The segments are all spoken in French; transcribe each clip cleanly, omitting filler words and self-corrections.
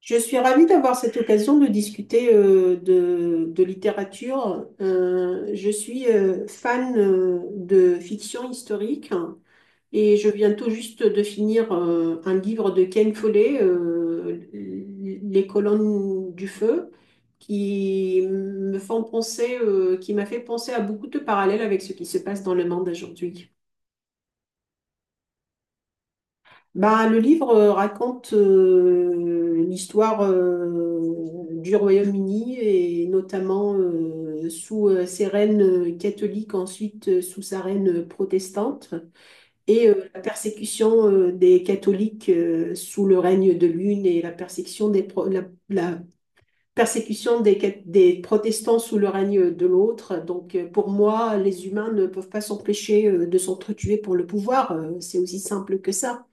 Je suis ravie d'avoir cette occasion de discuter de littérature. Je suis fan de fiction historique et je viens tout juste de finir un livre de Ken Follett, Les colonnes du feu, qui m'a fait penser à beaucoup de parallèles avec ce qui se passe dans le monde aujourd'hui. Bah, le livre raconte l'histoire du Royaume-Uni et notamment sous ses reines catholiques, ensuite sous sa reine protestante, et la persécution des catholiques sous le règne de l'une et la persécution des, pro- la persécution des, cat- des protestants sous le règne de l'autre. Donc pour moi, les humains ne peuvent pas s'empêcher de s'entretuer pour le pouvoir. C'est aussi simple que ça.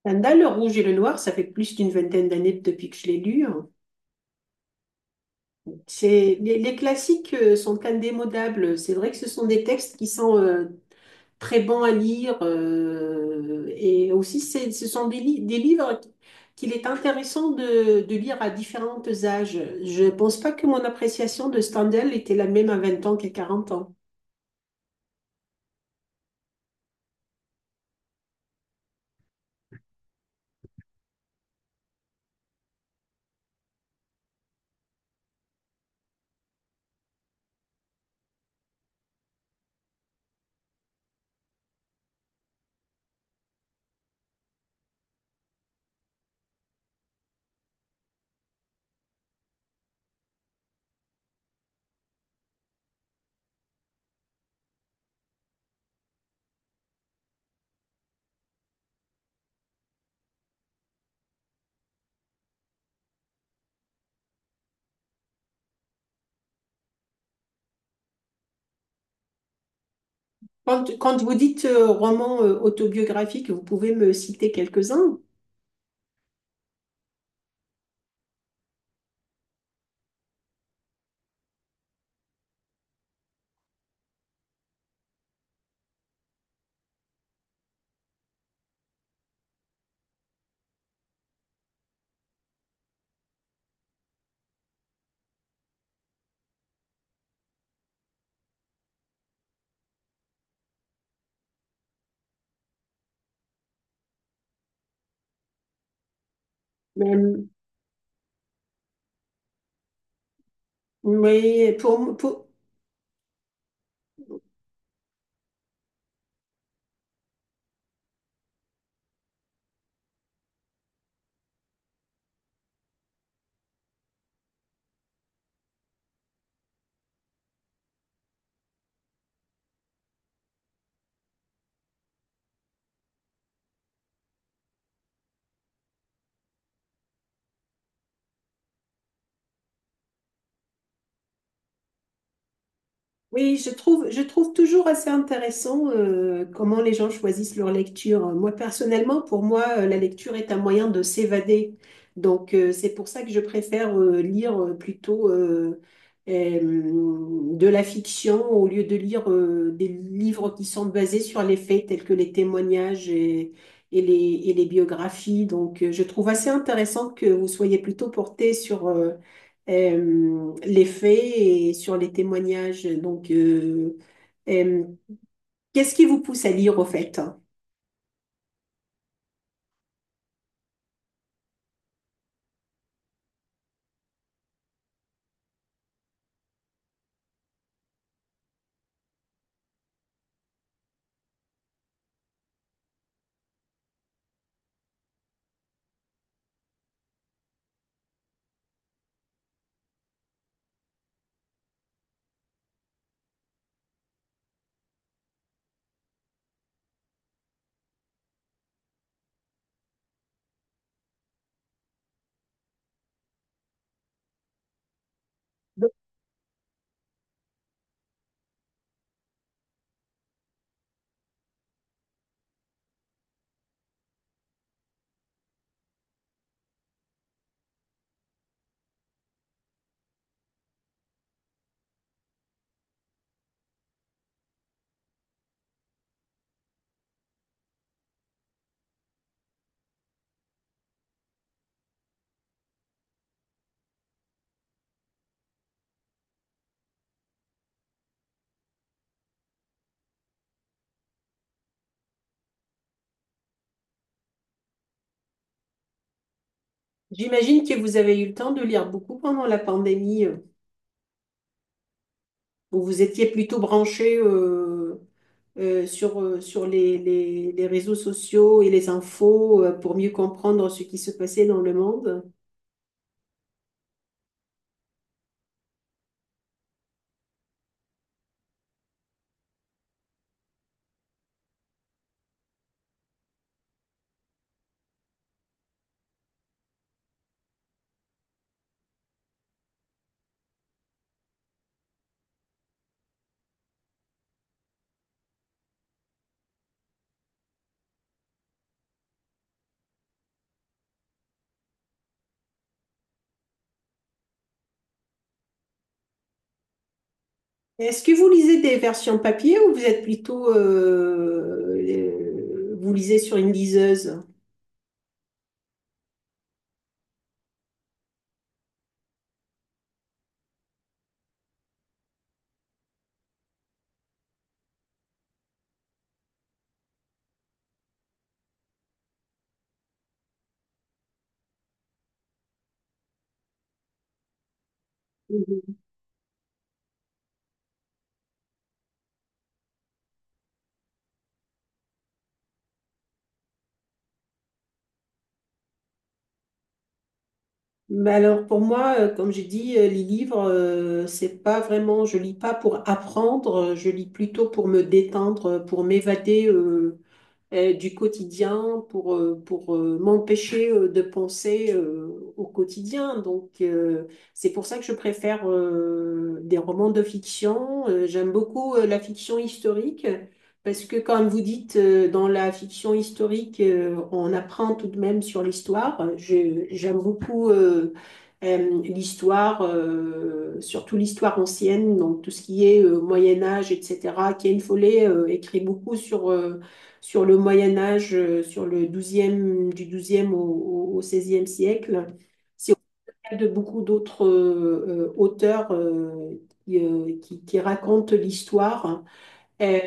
Stendhal, Le Rouge et le Noir, ça fait plus d'une vingtaine d'années depuis que je l'ai lu, hein. Les classiques sont indémodables. C'est vrai que ce sont des textes qui sont très bons à lire. Et aussi, ce sont des livres qu'il est intéressant de lire à différents âges. Je ne pense pas que mon appréciation de Stendhal était la même à 20 ans qu'à 40 ans. Quand vous dites roman autobiographique, vous pouvez me citer quelques-uns. Mais, mais pour, pour- Oui, je trouve toujours assez intéressant comment les gens choisissent leur lecture. Moi, personnellement, pour moi, la lecture est un moyen de s'évader. Donc, c'est pour ça que je préfère lire plutôt euh, de la fiction au lieu de lire des livres qui sont basés sur les faits tels que les témoignages et les, et les biographies. Donc, je trouve assez intéressant que vous soyez plutôt porté sur les faits et sur les témoignages. Donc, euh, qu'est-ce qui vous pousse à lire au fait? Donc, j'imagine que vous avez eu le temps de lire beaucoup pendant la pandémie, où vous étiez plutôt branché sur les réseaux sociaux et les infos pour mieux comprendre ce qui se passait dans le monde. Est-ce que vous lisez des versions papier ou vous êtes plutôt, vous lisez sur une liseuse? Mhm. Mais alors pour moi, comme j'ai dit, les livres, c'est pas vraiment, je lis pas pour apprendre, je lis plutôt pour me détendre, pour m'évader du quotidien pour m'empêcher de penser au quotidien. Donc, c'est pour ça que je préfère des romans de fiction. J'aime beaucoup la fiction historique parce que, comme vous dites, dans la fiction historique, on apprend tout de même sur l'histoire. J'aime beaucoup l'histoire, surtout l'histoire ancienne, donc tout ce qui est Moyen Âge, etc. Ken Follet écrit beaucoup sur le Moyen Âge, sur le 12 du 12 au 16 siècle. C'est au cas de beaucoup d'autres auteurs qui racontent l'histoire euh,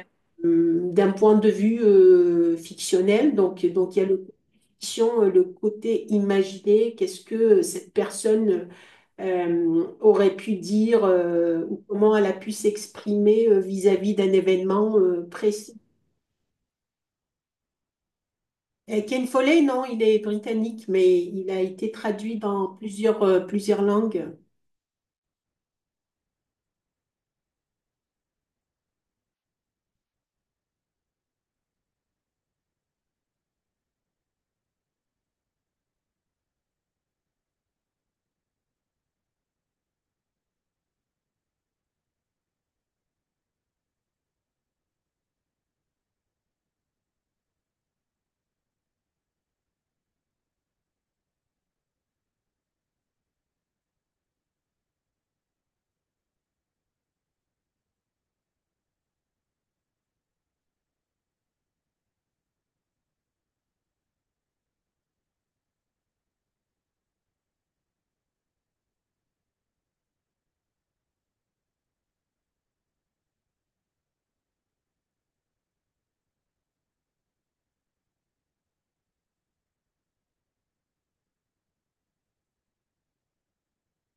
d'un point de vue fictionnel. Donc, il y a le fiction, le côté imaginé, qu'est-ce que cette personne aurait pu dire ou comment elle a pu s'exprimer vis-à-vis d'un événement précis. Ken Follet, non, il est britannique, mais il a été traduit dans plusieurs langues.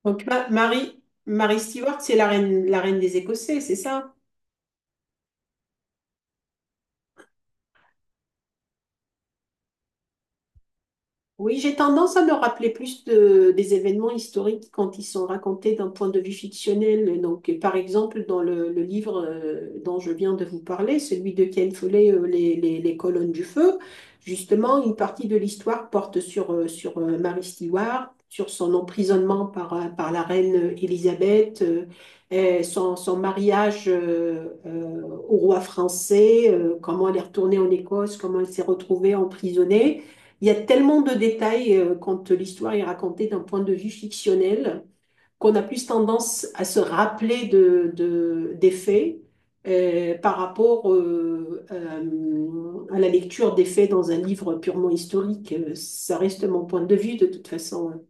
Donc, Marie Stewart, c'est la reine des Écossais, c'est ça? Oui, j'ai tendance à me rappeler plus des événements historiques quand ils sont racontés d'un point de vue fictionnel. Donc, par exemple, dans le livre dont je viens de vous parler, celui de Ken Follett, les colonnes du feu, justement, une partie de l'histoire porte sur Mary Stewart, sur son emprisonnement par la reine Élisabeth, et son mariage au roi français, comment elle est retournée en Écosse, comment elle s'est retrouvée emprisonnée. Il y a tellement de détails quand l'histoire est racontée d'un point de vue fictionnel qu'on a plus tendance à se rappeler des faits par rapport à la lecture des faits dans un livre purement historique. Ça reste mon point de vue de toute façon.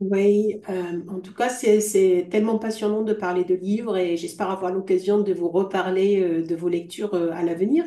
Oui, en tout cas, c'est tellement passionnant de parler de livres et j'espère avoir l'occasion de vous reparler de vos lectures à l'avenir.